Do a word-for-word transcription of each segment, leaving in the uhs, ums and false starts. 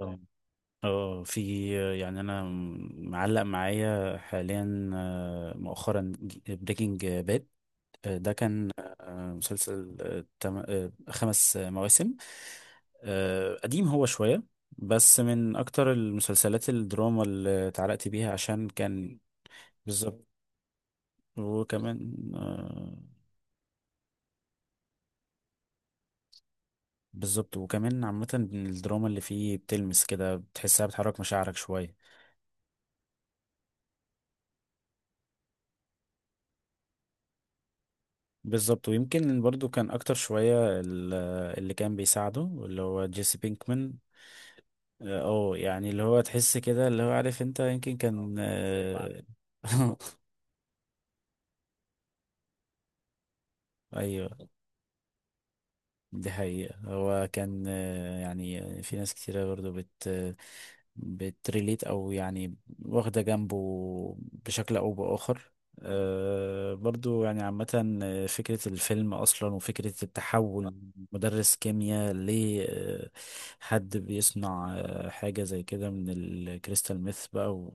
اه آه، في. يعني انا معلق معايا حاليا، آه، مؤخرا بريكنج باد. ده كان آه، مسلسل، آه، تم- آه، خمس آه، مواسم. آه، قديم هو شوية، بس من اكتر المسلسلات الدراما اللي اتعلقت بيها عشان كان. بالظبط. وكمان آه، بالظبط. وكمان عامة الدراما اللي فيه بتلمس كده، بتحسها بتحرك مشاعرك شوية. بالظبط. ويمكن برضو كان اكتر شوية ال- اللي كان بيساعده، اللي هو جيسي بينكمان. اه، يعني اللي هو تحس كده، اللي هو عارف انت يمكن، آه، كان كان خايف عليه. آه، ايوه. دي حقيقة. هو كان، آه، يعني في ناس كتيرة برضو بت آه، بتريليت أو يعني واخدة جنبه، بشكل أو بآخر. آه، برضو يعني عامة، آه، فكرة الفيلم أصلا وفكرة التحول من مدرس كيمياء لحد بيصنع آه، حاجة زي كده من الكريستال ميث بقى و...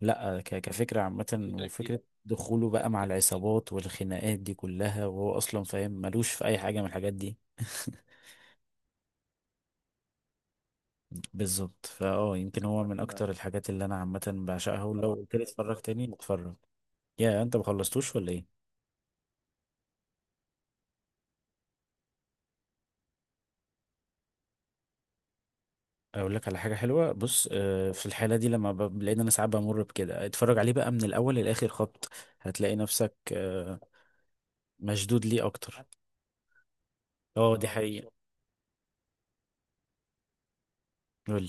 لا، ك- كفكرة عامة أكيد، وفكرة دخوله بقى مع أكيد العصابات والخناقات دي كلها، وهو أصلا فاهم ملوش في أي حاجة من الحاجات دي. بالظبط. فاه يمكن هو من لا اكتر الحاجات اللي انا عامه بعشقها، ولو اه قلت لي اتفرج تاني بتفرج. يا انت ما خلصتوش ولا ايه؟ اقول لك على حاجه حلوه. بص، آه، في الحاله دي لما ب- بلاقي إن انا ساعات بمر بكده، اتفرج عليه بقى من الاول للاخر خبط. هتلاقي نفسك آه، مشدود ليه اكتر. اه، دي اه حقيقه. قول لي.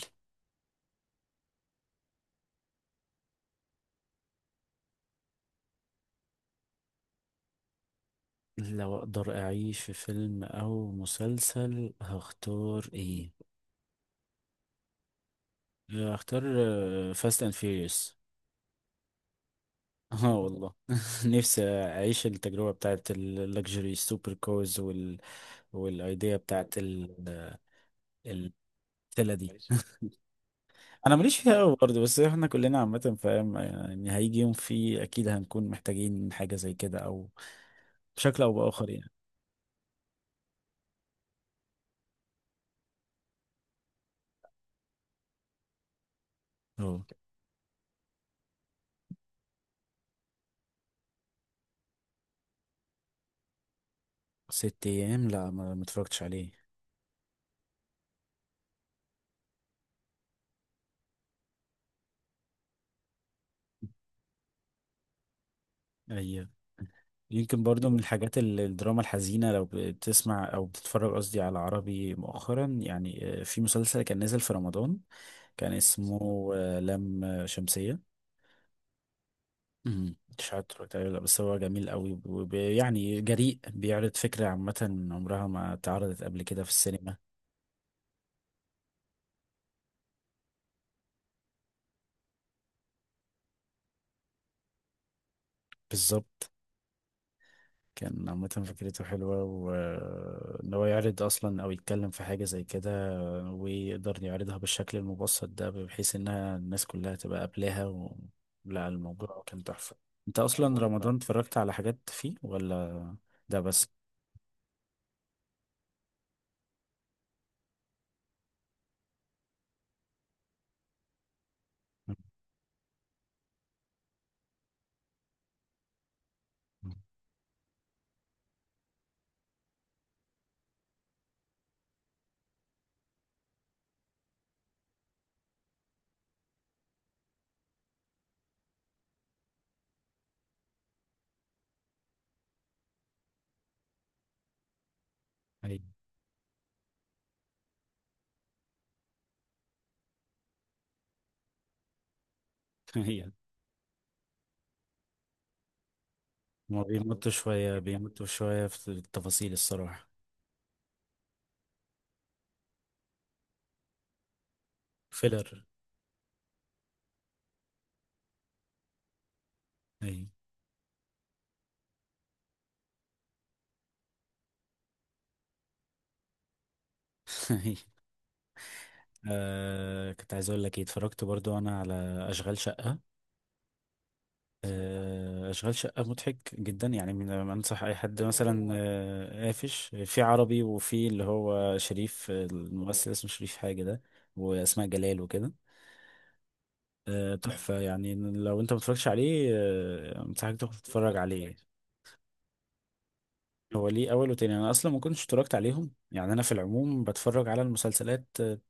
لو اقدر اعيش في فيلم او مسلسل هختار ايه؟ آه، هختار فاست اند فيوريوس. اه والله، نفسي اعيش التجربه بتاعت اللكجري سوبر كوز وال والايديا بتاعت ال- الفيلا دي. انا ماليش فيها قوي برضه، بس احنا كلنا عامه فاهم يعني هيجي يوم فيه اكيد هنكون محتاجين حاجه زي كده، او بشكل او باخر يعني. اه، ست ايام، لا، ما ما اتفرجتش عليه. اي، يمكن برضو من الحاجات ال- الدراما الحزينة. لو بتسمع أو بتتفرج قصدي على عربي مؤخرا، يعني آه، في مسلسل كان نازل في رمضان. كان اسمه آه، لام شمسية. مم. مش عارف اتفرجت عليه ولا لأ، بس هو جميل قوي وب- يعني جريء، بيعرض فكرة عامة عمرها ما اتعرضت قبل كده في السينما. بالظبط. كان عامة فكرته حلوة، وإن هو يعرض أصلا أو يتكلم في حاجة زي كده، ويقدر يعرضها بالشكل المبسط ده بحيث انها الناس كلها تبقى قابلاها و... لا، الموضوع كان تحفة. انت اصلا رمضان اتفرجت على حاجات فيه ولا؟ ده بس. ايوه. ايوه. ما بيمطوا شوية بيمطوا شوية في التفاصيل، الصراحة. فيلر. ايوه. أيوة. آه كنت عايز اقول لك ايه، اتفرجت برضو انا على اشغال شقة. آه، اشغال شقه مضحك جدا، يعني من انصح اي حد مثلا آه، قافش في عربي، وفي اللي هو شريف، آه، الممثل اسمه شريف حاجه ده. واسماء جلال وكده. آه، تحفه، يعني لو انت متفرجش عليه آه، انصحك تروح تتفرج عليه. هو ليه اول وتاني؟ انا اصلا ما كنتش اتفرجت عليهم، يعني انا في العموم بتفرج على المسلسلات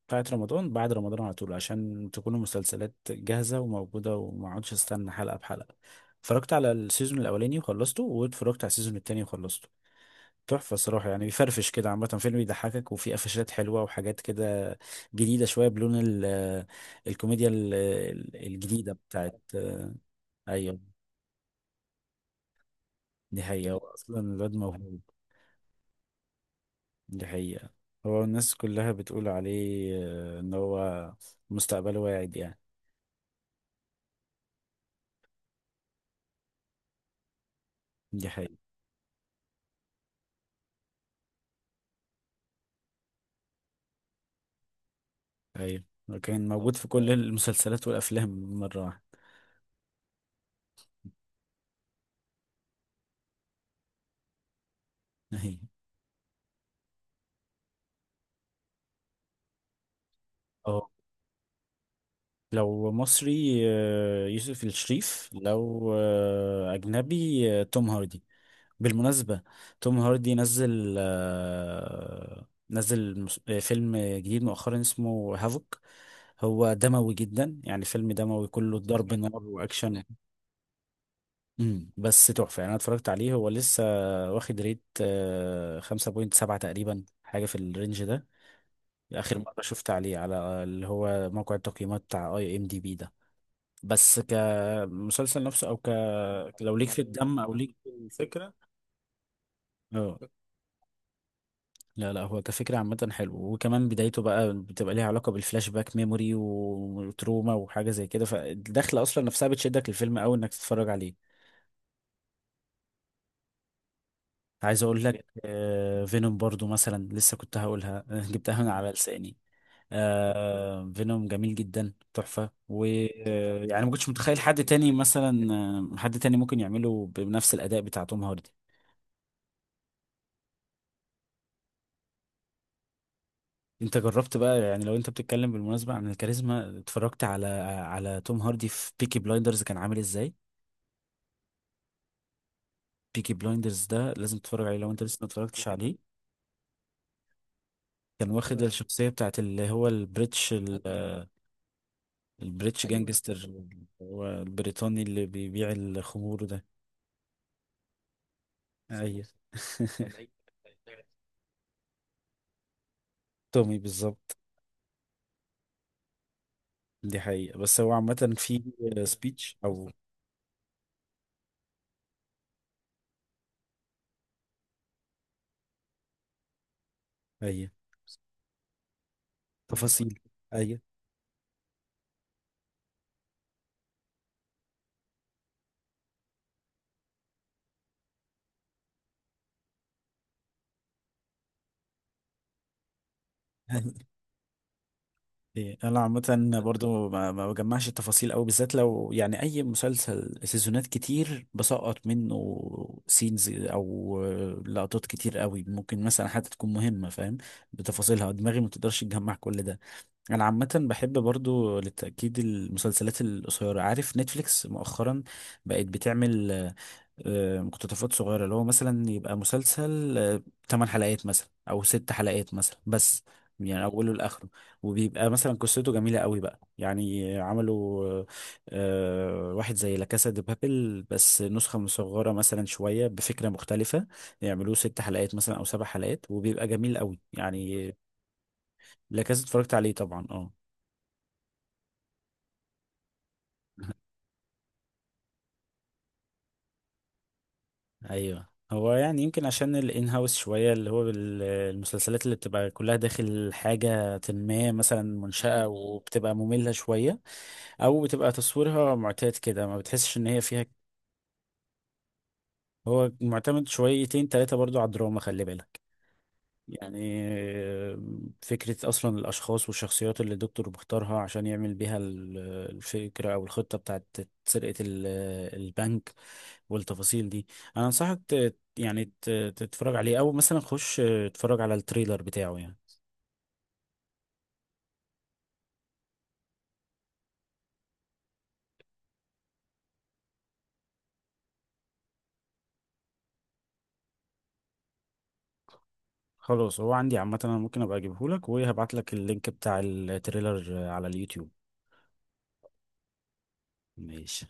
بتاعت رمضان بعد رمضان على طول عشان تكون المسلسلات جاهزه وموجوده، وما اقعدش استنى حلقه بحلقه. اتفرجت على السيزون الاولاني وخلصته، واتفرجت على السيزون التاني وخلصته. تحفه الصراحه، يعني بيفرفش كده عامه، فيلم بيضحكك وفيه قفشات حلوه وحاجات كده جديده شويه بلون ال- الكوميديا ال- الجديده بتاعت... ايوه، دي حقيقه، هو اصلا الواد موهوب. دي حقيقة، هو الناس كلها بتقول عليه آه، ان هو مستقبله واعد يعني. دي حقيقة. ايوه، كان موجود في كل المسلسلات والافلام مرة واحدة. ايوه. اه، لو مصري آه، يوسف الشريف، لو آه، اجنبي آه، توم هاردي. بالمناسبة، توم هاردي نزل آه، نزل مس- آه، فيلم جديد مؤخرا اسمه هافوك. هو دموي جدا، يعني فيلم دموي كله ضرب نار واكشن. امم بس تحفة يعني، انا اتفرجت عليه، هو لسه واخد ريت آه، خمسة فاصلة سبعة تقريبا، حاجة في الرينج ده. اخر مرة شفت عليه على اللي هو موقع التقييمات بتاع اي ام دي بي ده. بس كمسلسل نفسه او ك لو ليك في الدم او ليك في الفكرة. اه. لا، لا، هو كفكرة عامة حلو، وكمان بدايته بقى بتبقى ليها علاقة بالفلاش باك ميموري وتروما وحاجة زي كده، فالدخلة أصلا نفسها بتشدك للفيلم أوي إنك تتفرج عليه. عايز اقول لك، آه، فينوم برضو مثلا لسه كنت هقولها، جبتها من على لساني. آه، فينوم جميل جدا، تحفة، ويعني ما كنتش متخيل حد تاني مثلا آه، حد تاني ممكن يعمله بنفس الأداء بتاع توم هاردي. انت جربت بقى، يعني لو انت بتتكلم بالمناسبة عن الكاريزما، اتفرجت على على توم هاردي في بيكي بلايندرز كان عامل ازاي؟ بيكي بلايندرز ده لازم تتفرج عليه لو انت لسه ما اتفرجتش عليه. كان واخد الشخصية بتاعت اللي هو البريتش. البريتش، ايوه، جانجستر. هو البريطاني اللي بيبيع الخمور ده. ايوه. تومي بالظبط. دي حقيقة. بس هو عامة في سبيتش او... ايوه، تفاصيل. ايوه. إيه، انا عامة برضو ما ما بجمعش التفاصيل قوي، بالذات لو يعني اي مسلسل سيزونات كتير بسقط منه سينز او لقطات كتير قوي ممكن مثلا حتى تكون مهمة، فاهم. بتفاصيلها دماغي ما تقدرش تجمع كل ده. انا عامه بحب برضو للتاكيد المسلسلات القصيره. عارف نتفليكس مؤخرا بقت بتعمل آه، آه، مقتطفات صغيره، اللي هو مثلا يبقى مسلسل 8 حلقات مثلا او 6 حلقات مثلا بس. يعني اوله لاخره، وبيبقى مثلا قصته جميله قوي بقى، يعني عملوا آه، آه، واحد زي لا كاسا دي بابل بس نسخه مصغره مثلا شويه بفكره مختلفه. يعملوه ست حلقات مثلا او سبع حلقات، وبيبقى جميل قوي يعني. لا كاسا اتفرجت عليه طبعا، اه. ايوه، هو يعني يمكن عشان الان هاوس شويه، اللي هو بال- المسلسلات اللي بتبقى كلها داخل حاجه ما مثلا منشأة وبتبقى ممله شويه. او بتبقى تصويرها معتاد كده، ما بتحسش ان هي فيها. هو معتمد شويتين تلاتة برضو على الدراما، خلي بالك. يعني فكرة أصلا الأشخاص والشخصيات اللي الدكتور بيختارها عشان يعمل بيها ال- الفكرة أو الخطة بتاعت سرقة ال- البنك والتفاصيل دي. أنا أنصحك ت- يعني ت- تتفرج عليه، أو مثلا خش اتفرج على التريلر بتاعه يعني. خلاص، هو عندي عامة، أنا ممكن أبقى أجيبهولك وهبعتلك اللينك بتاع التريلر على اليوتيوب. ماشي.